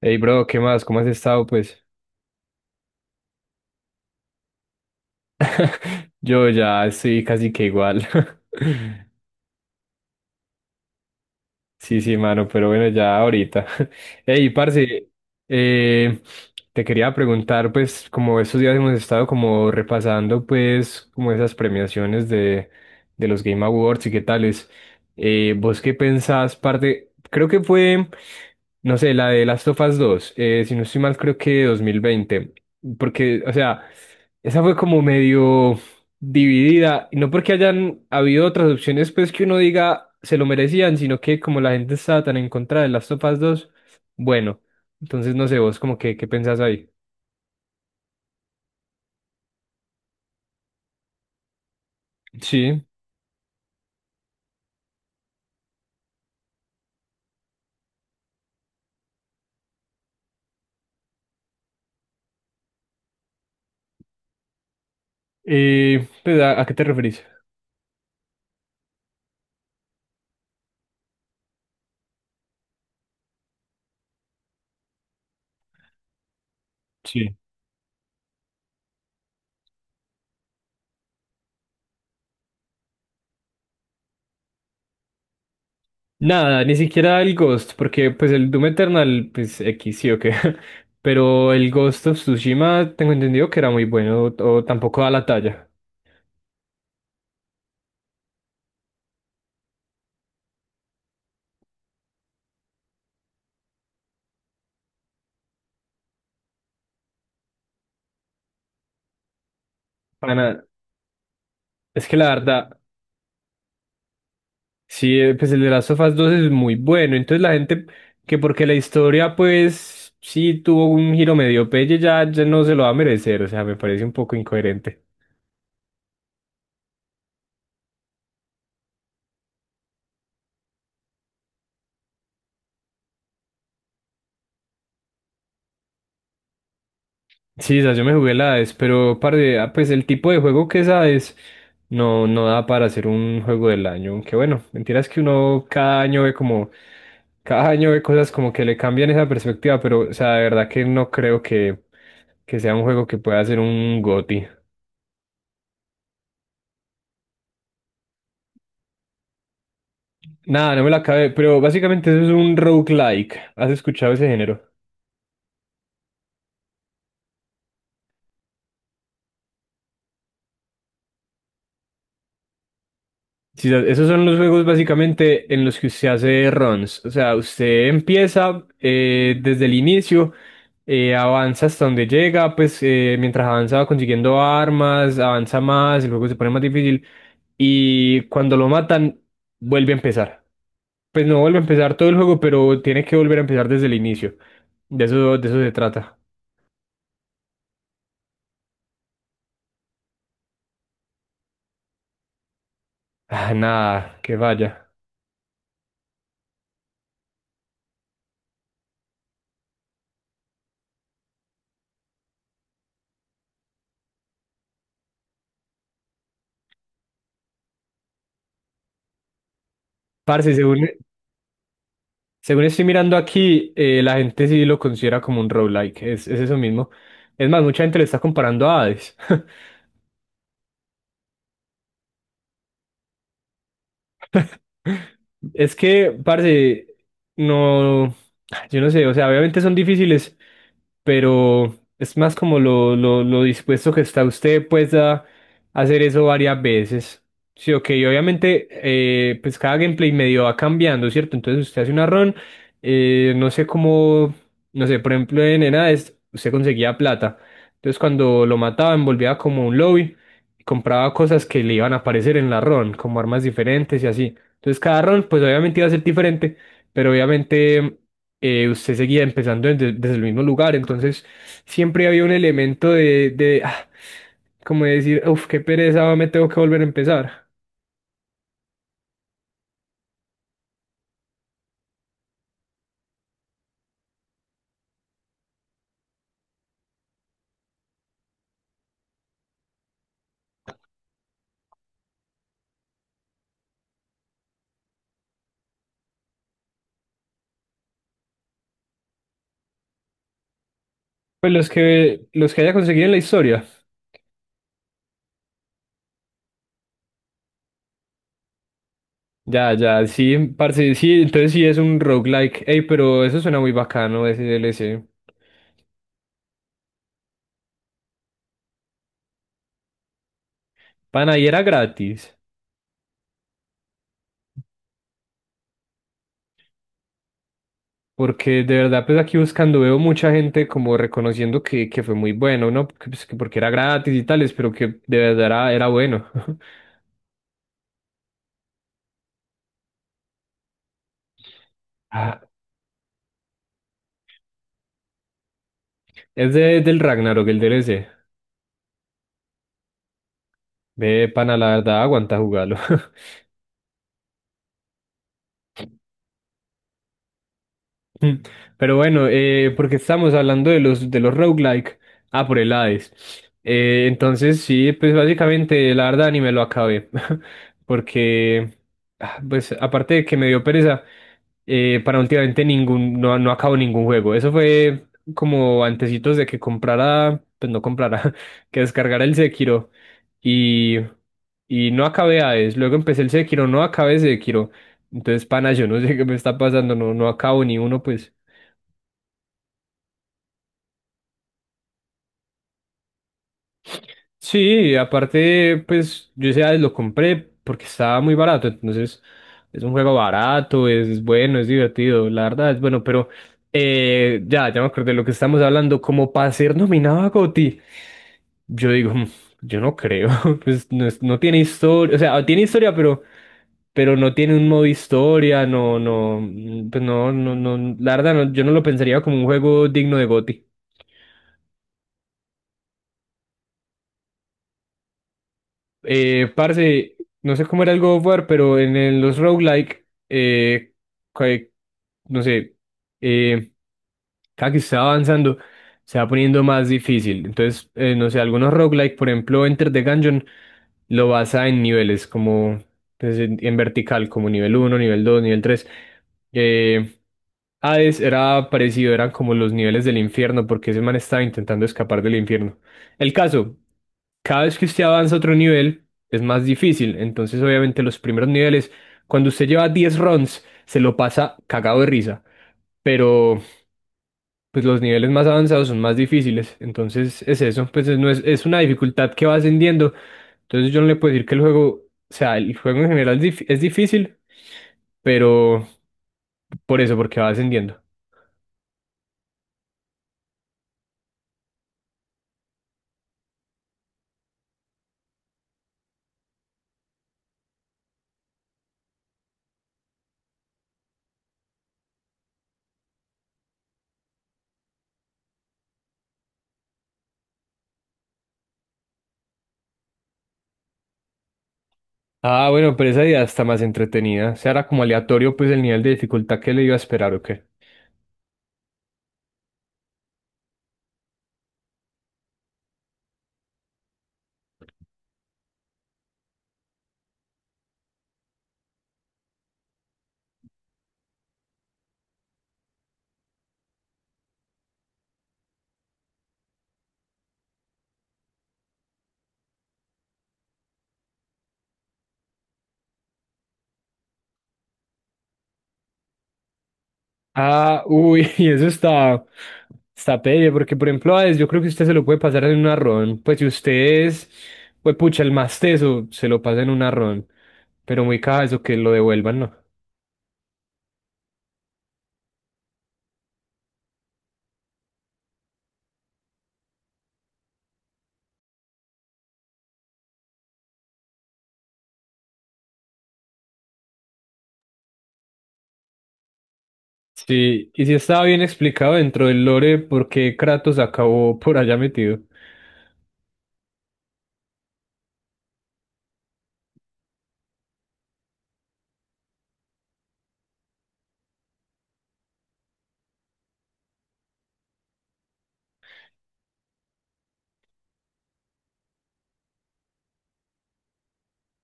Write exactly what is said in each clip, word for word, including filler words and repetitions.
Hey bro, ¿qué más? ¿Cómo has estado? Pues yo ya estoy casi que igual. Sí, sí, mano, pero bueno, ya ahorita. Hey, parce, eh, te quería preguntar, pues, como estos días hemos estado como repasando, pues, como esas premiaciones de, de los Game Awards y qué tales. Eh, ¿vos qué pensás, parte? Creo que fue, no sé, la de Last of Us dos, eh, si no estoy mal, creo que dos mil veinte, porque, o sea, esa fue como medio dividida. Y no porque hayan habido otras opciones, pues que uno diga se lo merecían, sino que como la gente estaba tan en contra de las topas dos, bueno, entonces no sé vos, como que, ¿qué pensás ahí? Sí. Eh, pues, ¿a, a qué te referís? Sí. Nada, ni siquiera el Ghost, porque pues el Doom Eternal, pues X sí o qué. Pero el Ghost of Tsushima tengo entendido que era muy bueno, o, o tampoco da la talla. Para nada. Es que la verdad. Sí, eh, pues el de las sofás dos es muy bueno. Entonces la gente que porque la historia pues sí tuvo un giro medio pelle ya, ya no se lo va a merecer. O sea, me parece un poco incoherente. Sí, esa yo me jugué la A E S, pero parce, ah, pues el tipo de juego que es A E S no, no da para hacer un juego del año. Aunque bueno, mentira es que uno cada año ve como, cada año ve cosas como que le cambian esa perspectiva, pero o sea, de verdad que no creo que, que sea un juego que pueda ser un GOTY. Nada, no me la acabé, pero básicamente eso es un roguelike. ¿Has escuchado ese género? Sí, o sea, esos son los juegos básicamente en los que usted hace runs. O sea, usted empieza eh, desde el inicio, eh, avanza hasta donde llega, pues eh, mientras avanza va consiguiendo armas, avanza más, el juego se pone más difícil y cuando lo matan vuelve a empezar. Pues no vuelve a empezar todo el juego, pero tiene que volver a empezar desde el inicio. De eso, de eso se trata. Ah, nada, que vaya. Parce, según, Según estoy mirando aquí, eh, la gente sí lo considera como un roguelike, es, es eso mismo. Es más, mucha gente le está comparando a Hades. Es que, parce, no, yo no sé, o sea, obviamente son difíciles, pero es más como lo, lo, lo dispuesto que está usted, pues, a hacer eso varias veces. Sí, ok, y obviamente, eh, pues cada gameplay medio va cambiando, ¿cierto? Entonces usted hace una run, eh, no sé cómo, no sé, por ejemplo, en enades usted conseguía plata. Entonces cuando lo mataban, volvía como a un lobby y compraba cosas que le iban a aparecer en la run, como armas diferentes y así. Entonces cada rol, pues obviamente iba a ser diferente, pero obviamente eh, usted seguía empezando desde, desde el mismo lugar, entonces siempre había un elemento de, de ah, como de decir, uff, qué pereza, me tengo que volver a empezar. Pues los que, los que haya conseguido en la historia. Ya, ya, sí, parce, sí, entonces sí es un roguelike. Ey, pero eso suena muy bacano, ese D L C. Pana, y era gratis. Porque de verdad, pues aquí buscando veo mucha gente como reconociendo que, que fue muy bueno, ¿no? Porque, pues, que porque era gratis y tales, pero que de verdad era, era bueno. Ah, es de, del Ragnarok, el D L C. Ve, pana, la verdad, aguanta jugarlo. Mm, Pero bueno, eh, porque estamos hablando de los, de los roguelike. Ah, por el Hades. Eh, entonces, sí, pues básicamente, la verdad, ni me lo acabé. Porque, ah, pues aparte de que me dio pereza. eh, para últimamente ningún, no, no acabo ningún juego. Eso fue como antecitos de que comprara, pues no comprara, que descargara el Sekiro y, y no acabé Hades. Luego empecé el Sekiro, no acabé Sekiro. Entonces, pana, yo no sé qué me está pasando, no, no acabo ni uno, pues. Sí, aparte, pues yo ese Hades lo compré porque estaba muy barato, entonces es un juego barato, es bueno, es divertido, la verdad es bueno, pero eh, ya, ya me acordé de lo que estamos hablando. Como para ser nominado a GOTY, yo digo, "Mm, yo no creo, pues no, es- no tiene historia, o sea, tiene historia, pero, pero, no tiene un modo historia, no, no, mm, pues no, no, no, la verdad no, yo no lo pensaría como un juego digno de goty". Eh, parce, no sé cómo era el God of War, pero en, el- los roguelike, eh, que- no sé, eh, cada que se va avanzando se va poniendo más difícil. Entonces, eh, no sé, algunos roguelike, por ejemplo, Enter the Gungeon, lo basa en niveles, como pues, en, en vertical, como nivel uno, nivel dos, nivel tres. Eh, Hades era parecido, eran como los niveles del infierno, porque ese man estaba intentando escapar del infierno. El caso, cada vez que usted avanza a otro nivel, es más difícil. Entonces, obviamente, los primeros niveles, cuando usted lleva diez runs, se lo pasa cagado de risa. Pero pues los niveles más avanzados son más difíciles. Entonces es eso, pues es, no es, es una dificultad que va ascendiendo. Entonces yo no le puedo decir que el juego, o sea, el juego en general es dif- es difícil, pero por eso, porque va ascendiendo. Ah, bueno, pero esa idea está más entretenida. O sea, era como aleatorio, pues el nivel de dificultad que le iba a esperar, ¿o qué? Ah, uy, y eso está, está pelle, porque por ejemplo, a Hades, yo creo que usted se lo puede pasar en un arrón. Pues si usted es, pues pucha, el más teso, se lo pasa en un arrón. Pero muy caja eso que lo devuelvan, ¿no? Sí, y sí estaba bien explicado dentro del lore por qué Kratos acabó por allá metido.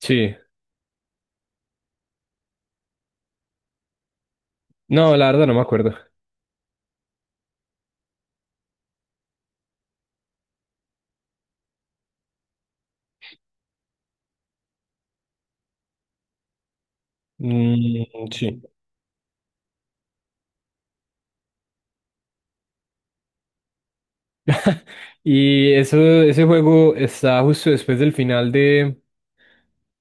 Sí, no, la verdad no me acuerdo. Mm, sí. Y eso, ese juego está justo después del final de,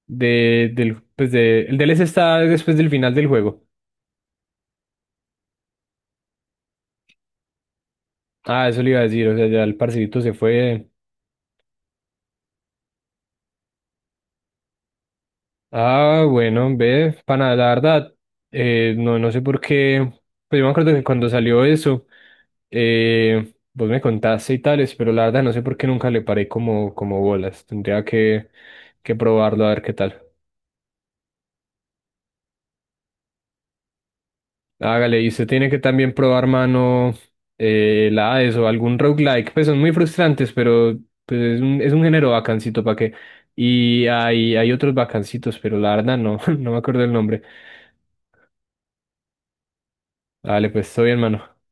de, del, pues de, el D L C está después del final del juego. Ah, eso le iba a decir, o sea, ya el parcerito se fue. Ah, bueno, ve, pana, la verdad, eh, no, no sé por qué, pues yo me acuerdo que cuando salió eso, eh, vos me contaste y tales, pero la verdad no sé por qué nunca le paré como, como bolas. Tendría que, que probarlo a ver qué tal. Hágale, y usted tiene que también probar mano eh, la Hades o algún roguelike. Pues son muy frustrantes, pero pues es un, es un género bacancito para que. Y hay, hay otros bacancitos, pero la verdad no, no me acuerdo el nombre. Dale, pues estoy bien, mano.